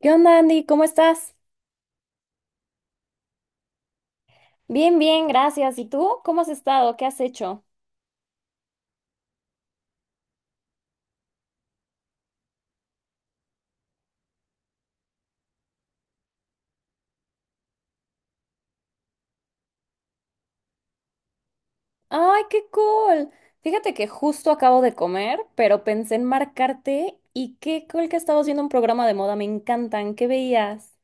¿Qué onda, Andy? ¿Cómo estás? Bien, bien, gracias. ¿Y tú? ¿Cómo has estado? ¿Qué has hecho? ¡Ay, qué cool! Fíjate que justo acabo de comer, pero pensé en marcarte y qué cool que estabas viendo un programa de moda, me encantan. ¿Qué veías?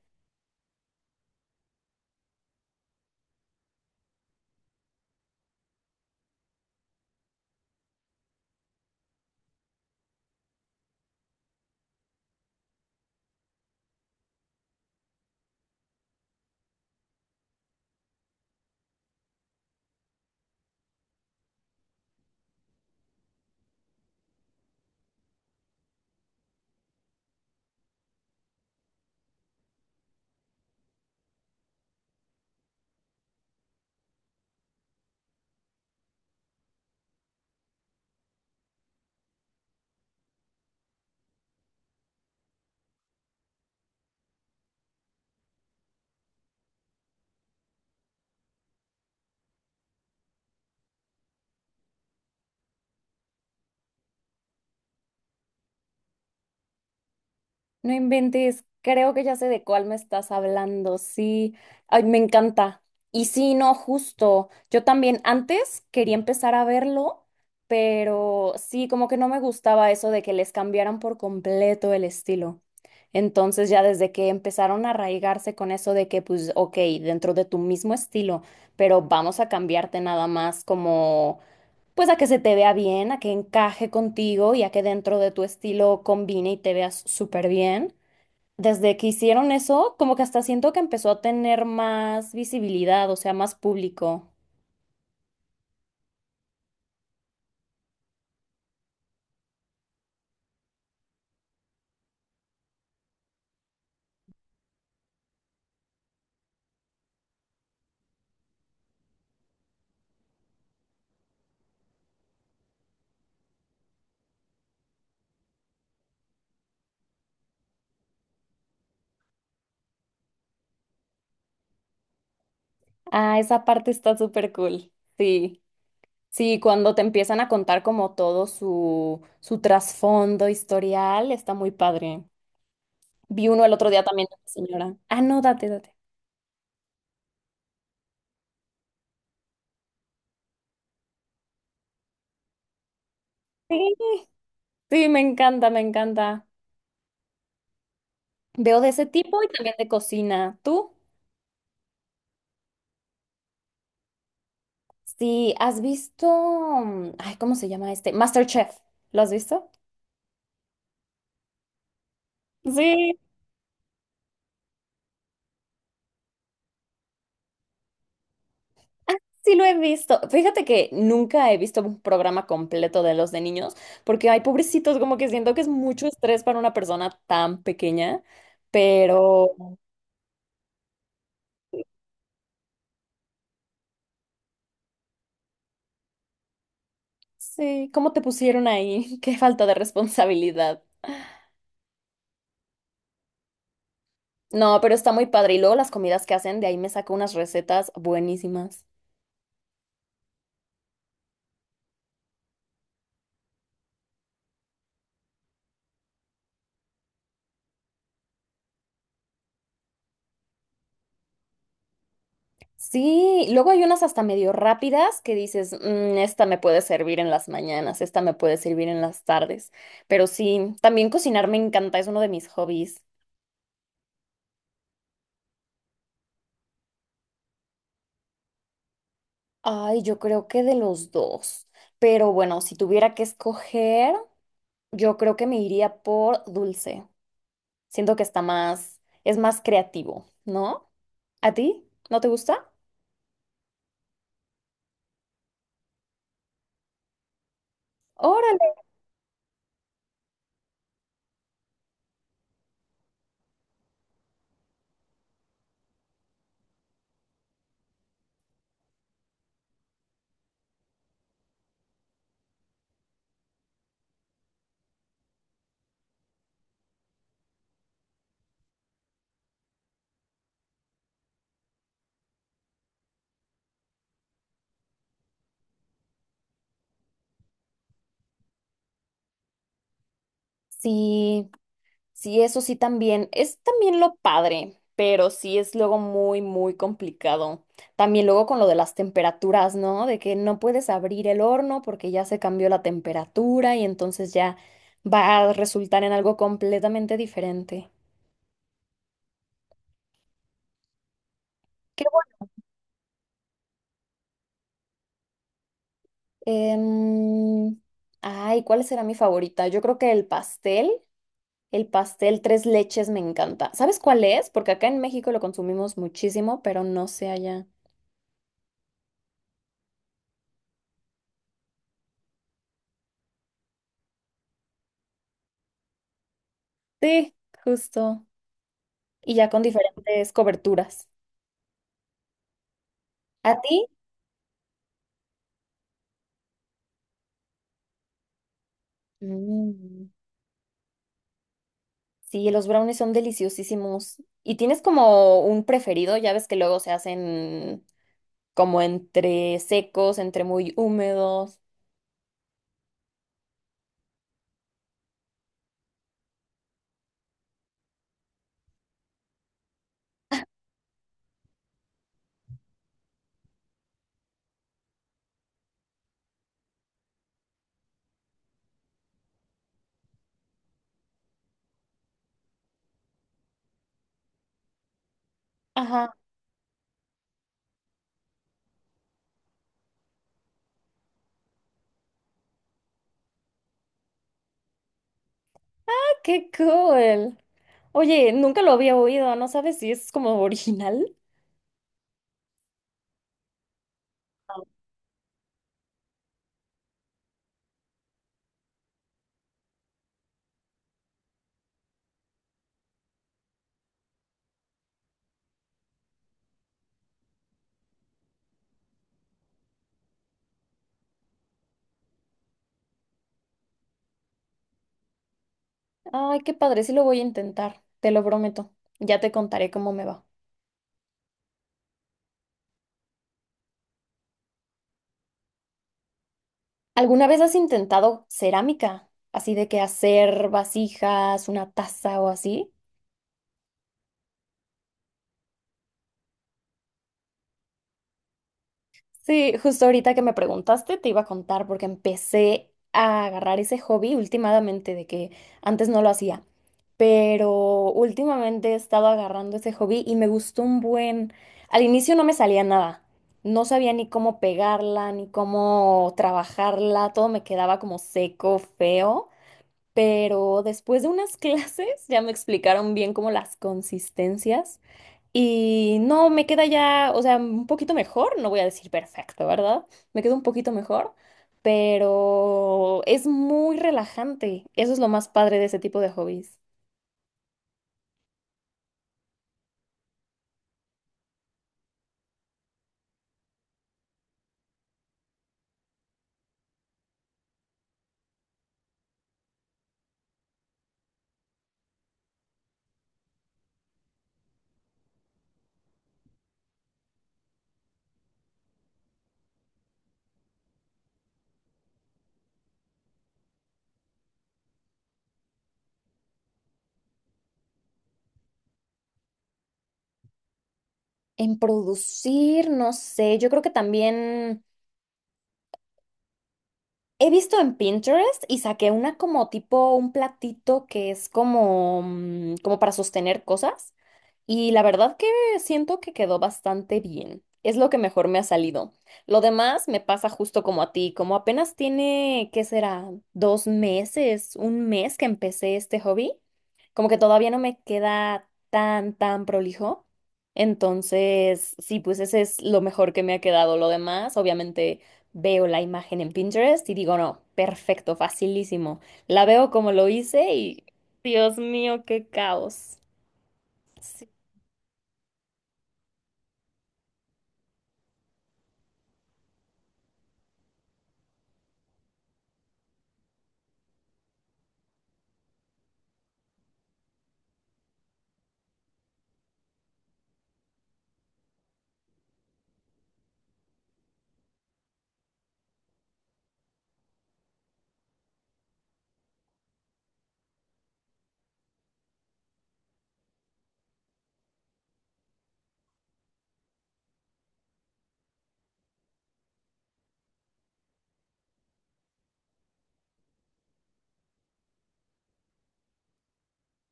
No inventes, creo que ya sé de cuál me estás hablando, sí. Ay, me encanta. Y sí, no, justo. Yo también antes quería empezar a verlo, pero sí, como que no me gustaba eso de que les cambiaran por completo el estilo. Entonces ya desde que empezaron a arraigarse con eso de que, pues, ok, dentro de tu mismo estilo, pero vamos a cambiarte nada más como, pues a que se te vea bien, a que encaje contigo y a que dentro de tu estilo combine y te veas súper bien. Desde que hicieron eso, como que hasta siento que empezó a tener más visibilidad, o sea, más público. Ah, esa parte está súper cool. Sí, sí, cuando te empiezan a contar como todo su trasfondo historial, está muy padre. Vi uno el otro día también de una señora. Ah, no, date, date. Sí, sí, me encanta, me encanta. Veo de ese tipo y también de cocina. ¿Tú? Sí, ¿has visto? Ay, ¿cómo se llama este? MasterChef. ¿Lo has visto? Sí. Sí lo he visto. Fíjate que nunca he visto un programa completo de los de niños, porque hay pobrecitos, como que siento que es mucho estrés para una persona tan pequeña, pero sí, ¿cómo te pusieron ahí? Qué falta de responsabilidad. No, pero está muy padre. Y luego las comidas que hacen, de ahí me saco unas recetas buenísimas. Sí, luego hay unas hasta medio rápidas que dices, "Mm, esta me puede servir en las mañanas, esta me puede servir en las tardes. Pero sí, también cocinar me encanta, es uno de mis hobbies. Ay, yo creo que de los dos. Pero bueno, si tuviera que escoger, yo creo que me iría por dulce. Siento que está más, es más creativo, ¿no? ¿A ti? ¿No te gusta? Órale. Sí, sí, eso sí también. Es también lo padre, pero sí es luego muy, muy complicado. También luego con lo de las temperaturas, ¿no? De que no puedes abrir el horno porque ya se cambió la temperatura y entonces ya va a resultar en algo completamente diferente. Qué bueno. Em, Ay, ¿cuál será mi favorita? Yo creo que el pastel tres leches me encanta. ¿Sabes cuál es? Porque acá en México lo consumimos muchísimo, pero no sé allá. Sí, justo. Y ya con diferentes coberturas. ¿A ti? Mm, sí, los brownies son deliciosísimos. ¿Y tienes como un preferido? Ya ves que luego se hacen como entre secos, entre muy húmedos. Ajá. ¡Qué cool! Oye, nunca lo había oído, ¿no sabes si es como original? Ay, qué padre, sí lo voy a intentar, te lo prometo. Ya te contaré cómo me va. ¿Alguna vez has intentado cerámica? Así de que hacer vasijas, una taza o así. Sí, justo ahorita que me preguntaste, te iba a contar porque empecé a agarrar ese hobby últimamente de que antes no lo hacía, pero últimamente he estado agarrando ese hobby y me gustó un buen. Al inicio no me salía nada, no sabía ni cómo pegarla, ni cómo trabajarla, todo me quedaba como seco, feo, pero después de unas clases ya me explicaron bien como las consistencias. Y no, me queda ya, o sea, un poquito mejor, no voy a decir perfecto, ¿verdad? Me queda un poquito mejor, pero es muy relajante. Eso es lo más padre de ese tipo de hobbies. En producir, no sé, yo creo que también he visto en Pinterest y saqué una como tipo un platito que es como, mm, como para sostener cosas y la verdad que siento que quedó bastante bien. Es lo que mejor me ha salido. Lo demás me pasa justo como a ti, como apenas tiene, ¿qué será? 2 meses, 1 mes que empecé este hobby, como que todavía no me queda tan prolijo. Entonces, sí, pues ese es lo mejor que me ha quedado. Lo demás, obviamente. Veo la imagen en Pinterest y digo, no, perfecto, facilísimo. La veo como lo hice y Dios mío, qué caos.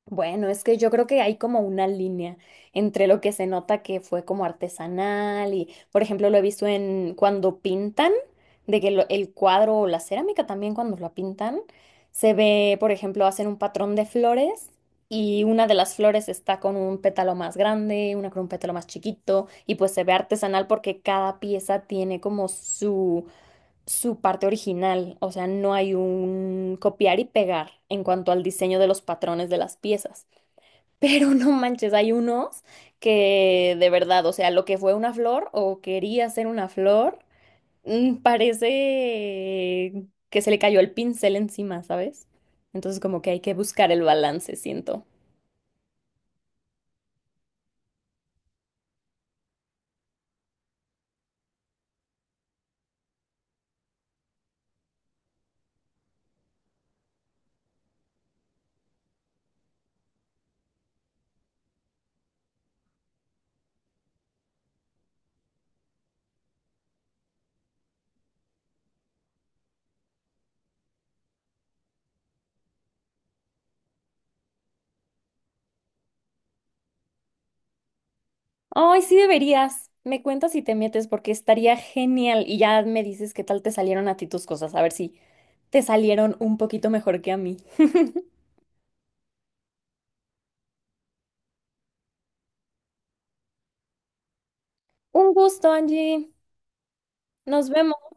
Bueno, es que yo creo que hay como una línea entre lo que se nota que fue como artesanal y, por ejemplo, lo he visto en cuando pintan, de que el cuadro o la cerámica también cuando la pintan, se ve, por ejemplo, hacen un patrón de flores y una de las flores está con un pétalo más grande, una con un pétalo más chiquito y pues se ve artesanal porque cada pieza tiene como su parte original, o sea, no hay un copiar y pegar en cuanto al diseño de los patrones de las piezas. Pero no manches, hay unos que de verdad, o sea, lo que fue una flor o quería ser una flor, mm, parece que se le cayó el pincel encima, ¿sabes? Entonces como que hay que buscar el balance, siento. Ay, sí deberías. Me cuentas si te metes porque estaría genial y ya me dices qué tal te salieron a ti tus cosas, a ver si te salieron un poquito mejor que a mí. Un gusto, Angie. Nos vemos.